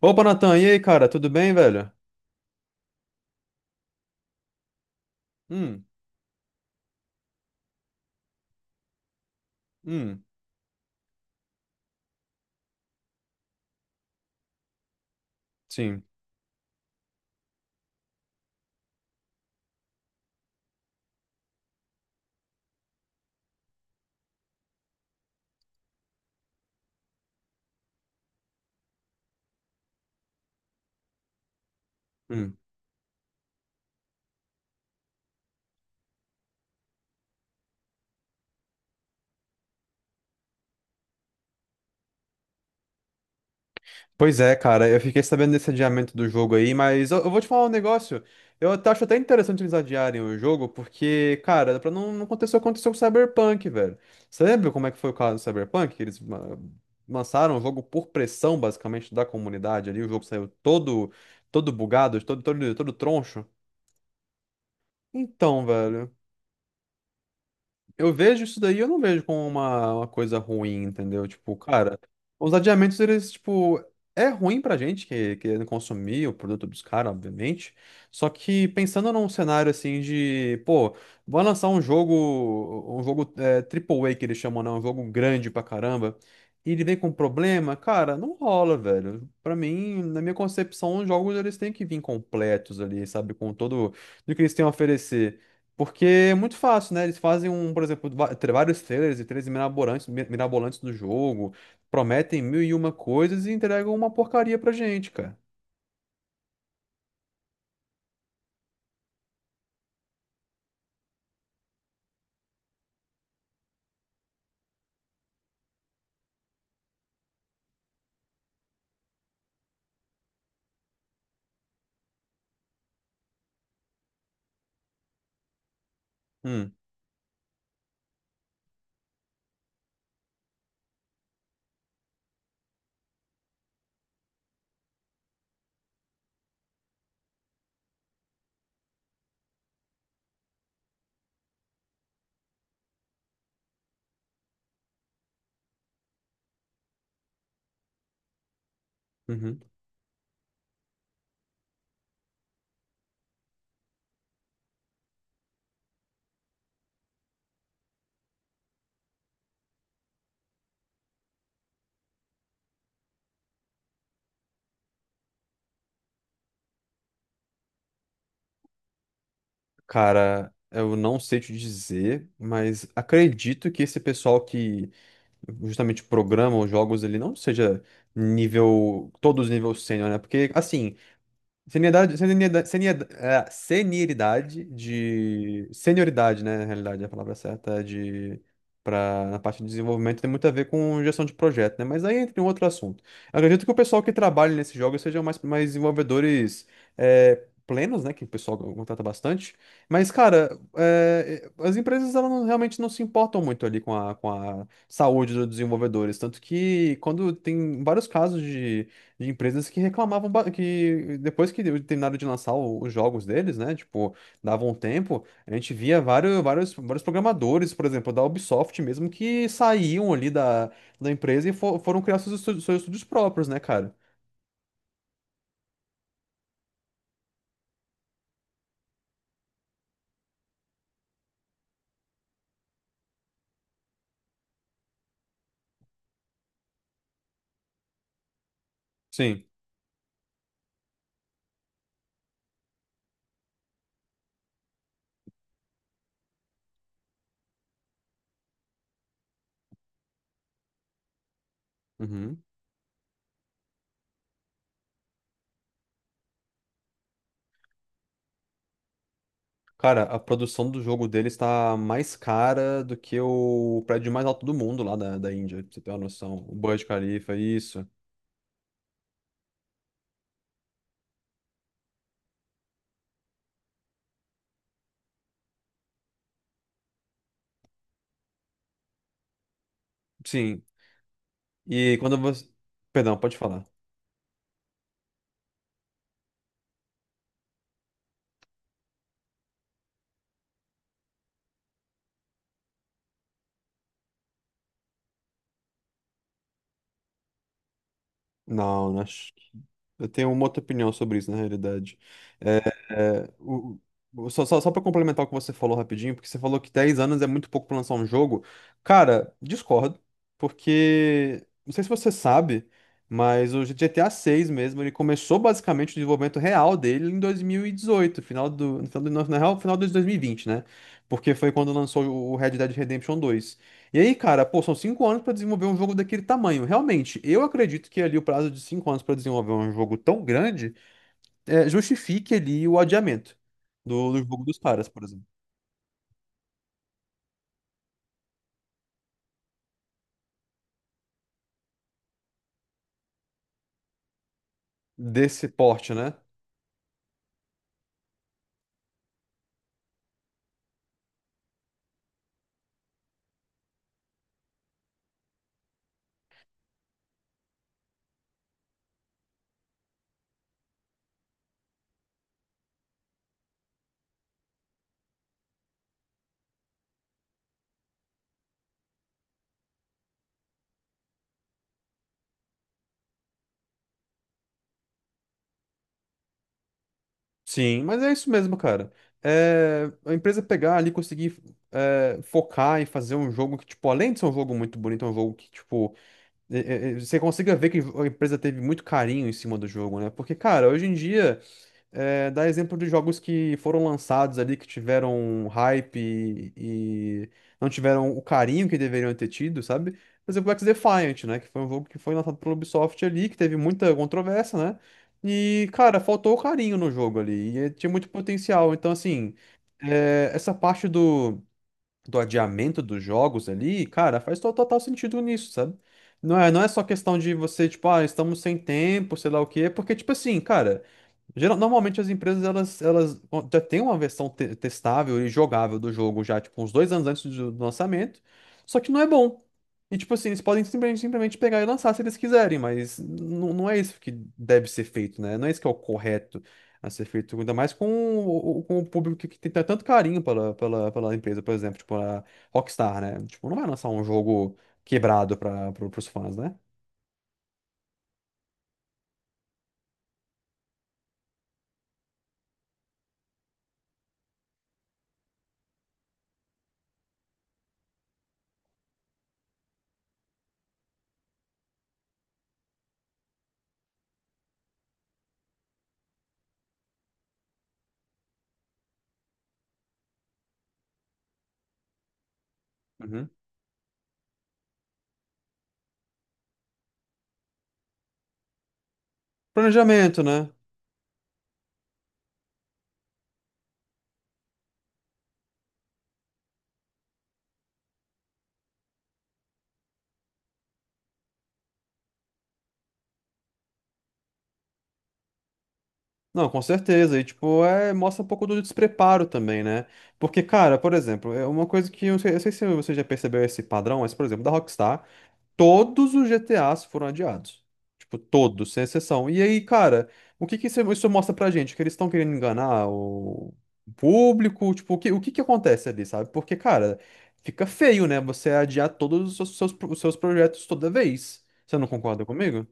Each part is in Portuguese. Opa, Natan, e aí, cara, tudo bem, velho? Hum. Hum. Sim. Hum. Pois é, cara, eu fiquei sabendo desse adiamento do jogo aí, mas eu vou te falar um negócio. Eu até acho até interessante eles adiarem o jogo, porque, cara, pra não acontecer o que aconteceu com o Cyberpunk, velho. Você lembra como é que foi o caso do Cyberpunk? Que eles lançaram o jogo por pressão, basicamente, da comunidade ali. O jogo saiu todo bugado, todo troncho. Então, velho. Eu vejo isso daí, eu não vejo como uma coisa ruim, entendeu? Tipo, cara, os adiamentos, eles, tipo, é ruim pra gente que querendo consumir o produto dos caras, obviamente. Só que pensando num cenário assim de, pô, vai lançar um jogo, Triple A que eles chamam, né? Um jogo grande pra caramba. E ele vem com problema, cara, não rola, velho. Pra mim, na minha concepção, os jogos eles têm que vir completos ali, sabe? Com todo o que eles têm a oferecer. Porque é muito fácil, né? Eles fazem um, por exemplo, vários trailers e trailers mirabolantes, mirabolantes do jogo, prometem mil e uma coisas e entregam uma porcaria pra gente, cara. Hum. Uhum. Cara, eu não sei te dizer, mas acredito que esse pessoal que justamente programa os jogos ele não seja todos nível sênior, né? Porque, assim, Senioridade, senioridade de. Senioridade, né? Na realidade, a palavra certa é de. Pra, na parte de desenvolvimento tem muito a ver com gestão de projeto, né? Mas aí entra em um outro assunto. Eu acredito que o pessoal que trabalha nesses jogos sejam mais desenvolvedores plenos, né? Que o pessoal contrata bastante. Mas, cara, as empresas elas realmente não se importam muito ali com a, saúde dos desenvolvedores. Tanto que quando tem vários casos de empresas que reclamavam que depois que terminaram de lançar os jogos deles, né? Tipo, davam um tempo, a gente via vários, vários, vários programadores, por exemplo, da Ubisoft mesmo, que saíam ali da empresa e foram criar seus estúdios próprios, né, cara? Sim. Uhum. Cara, a produção do jogo deles tá mais cara do que o prédio mais alto do mundo lá da Índia, pra você ter uma noção. O Burj Khalifa, isso. Sim. E quando você. Perdão, pode falar. Não, não. Eu tenho uma outra opinião sobre isso, na realidade. É, o, só só, para complementar o que você falou rapidinho, porque você falou que 10 anos é muito pouco para lançar um jogo. Cara, discordo, porque não sei se você sabe, mas o GTA 6 mesmo, ele começou basicamente o desenvolvimento real dele em 2018, final do, no final do, na real, final de 2020, né? Porque foi quando lançou o Red Dead Redemption 2. E aí, cara, pô, são 5 anos pra desenvolver um jogo daquele tamanho. Realmente, eu acredito que ali o prazo de 5 anos pra desenvolver um jogo tão grande justifique ali o adiamento do jogo dos caras, por exemplo. Desse porte, né? Sim, mas é isso mesmo, cara. É, a empresa pegar ali, conseguir focar e fazer um jogo que, tipo, além de ser um jogo muito bonito, é um jogo que, tipo, você consiga ver que a empresa teve muito carinho em cima do jogo, né? Porque, cara, hoje em dia. É, dá exemplo de jogos que foram lançados ali, que tiveram hype e não tiveram o carinho que deveriam ter tido, sabe? Por exemplo, o X-Defiant, né? Que foi um jogo que foi lançado pela Ubisoft ali, que teve muita controvérsia, né? E, cara, faltou o carinho no jogo ali. E tinha muito potencial. Então, assim, essa parte do adiamento dos jogos ali, cara, faz total sentido nisso, sabe? Não é só questão de você, tipo, ah, estamos sem tempo, sei lá o quê, porque, tipo assim, cara. Normalmente as empresas elas já têm uma versão testável e jogável do jogo já, tipo, uns 2 anos antes do lançamento, só que não é bom. E, tipo assim, eles podem simplesmente pegar e lançar se eles quiserem, mas não é isso que deve ser feito, né? Não é isso que é o correto a ser feito, ainda mais com com o público que tem tanto carinho pela empresa, por exemplo, tipo a Rockstar, né? Tipo, não vai lançar um jogo quebrado para os fãs, né? Uhum. Planejamento, né? Não, com certeza. E, tipo, mostra um pouco do despreparo também, né? Porque, cara, por exemplo, é uma coisa que eu sei se você já percebeu esse padrão, mas, por exemplo, da Rockstar, todos os GTAs foram adiados. Tipo, todos, sem exceção. E aí, cara, o que que isso mostra pra gente? Que eles estão querendo enganar o público? Tipo, o que que acontece ali, sabe? Porque, cara, fica feio, né? Você adiar todos os seus projetos toda vez. Você não concorda comigo?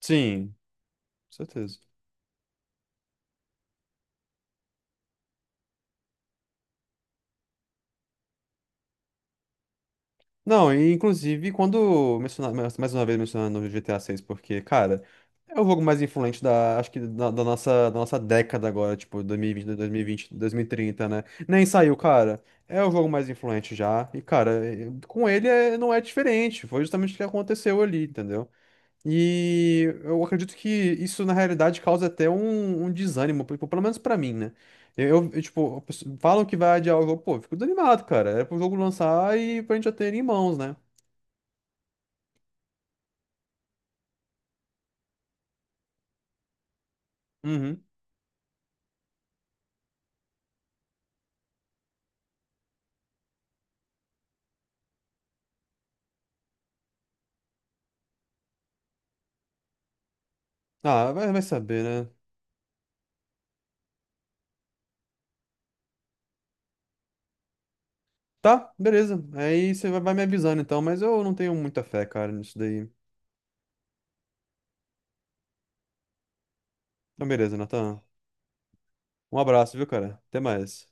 Sim, com certeza. Não, e, inclusive, quando mencionar, mais uma vez mencionando o GTA VI, porque, cara, é o jogo mais influente acho que da nossa década agora, tipo, 2020, 2020, 2030, né? Nem saiu, cara. É o jogo mais influente já. E, cara, com ele não é diferente. Foi justamente o que aconteceu ali, entendeu? E eu acredito que isso, na realidade, causa até um desânimo, tipo, pelo menos pra mim, né? Eu, tipo, falam que vai adiar o jogo, pô, eu fico desanimado, cara. Era pro jogo lançar e pra gente já ter ele em mãos, né? Uhum. Ah, vai saber, né? Tá, beleza. Aí você vai me avisando então, mas eu não tenho muita fé, cara, nisso daí. Então, beleza, Nathan. Um abraço, viu, cara? Até mais.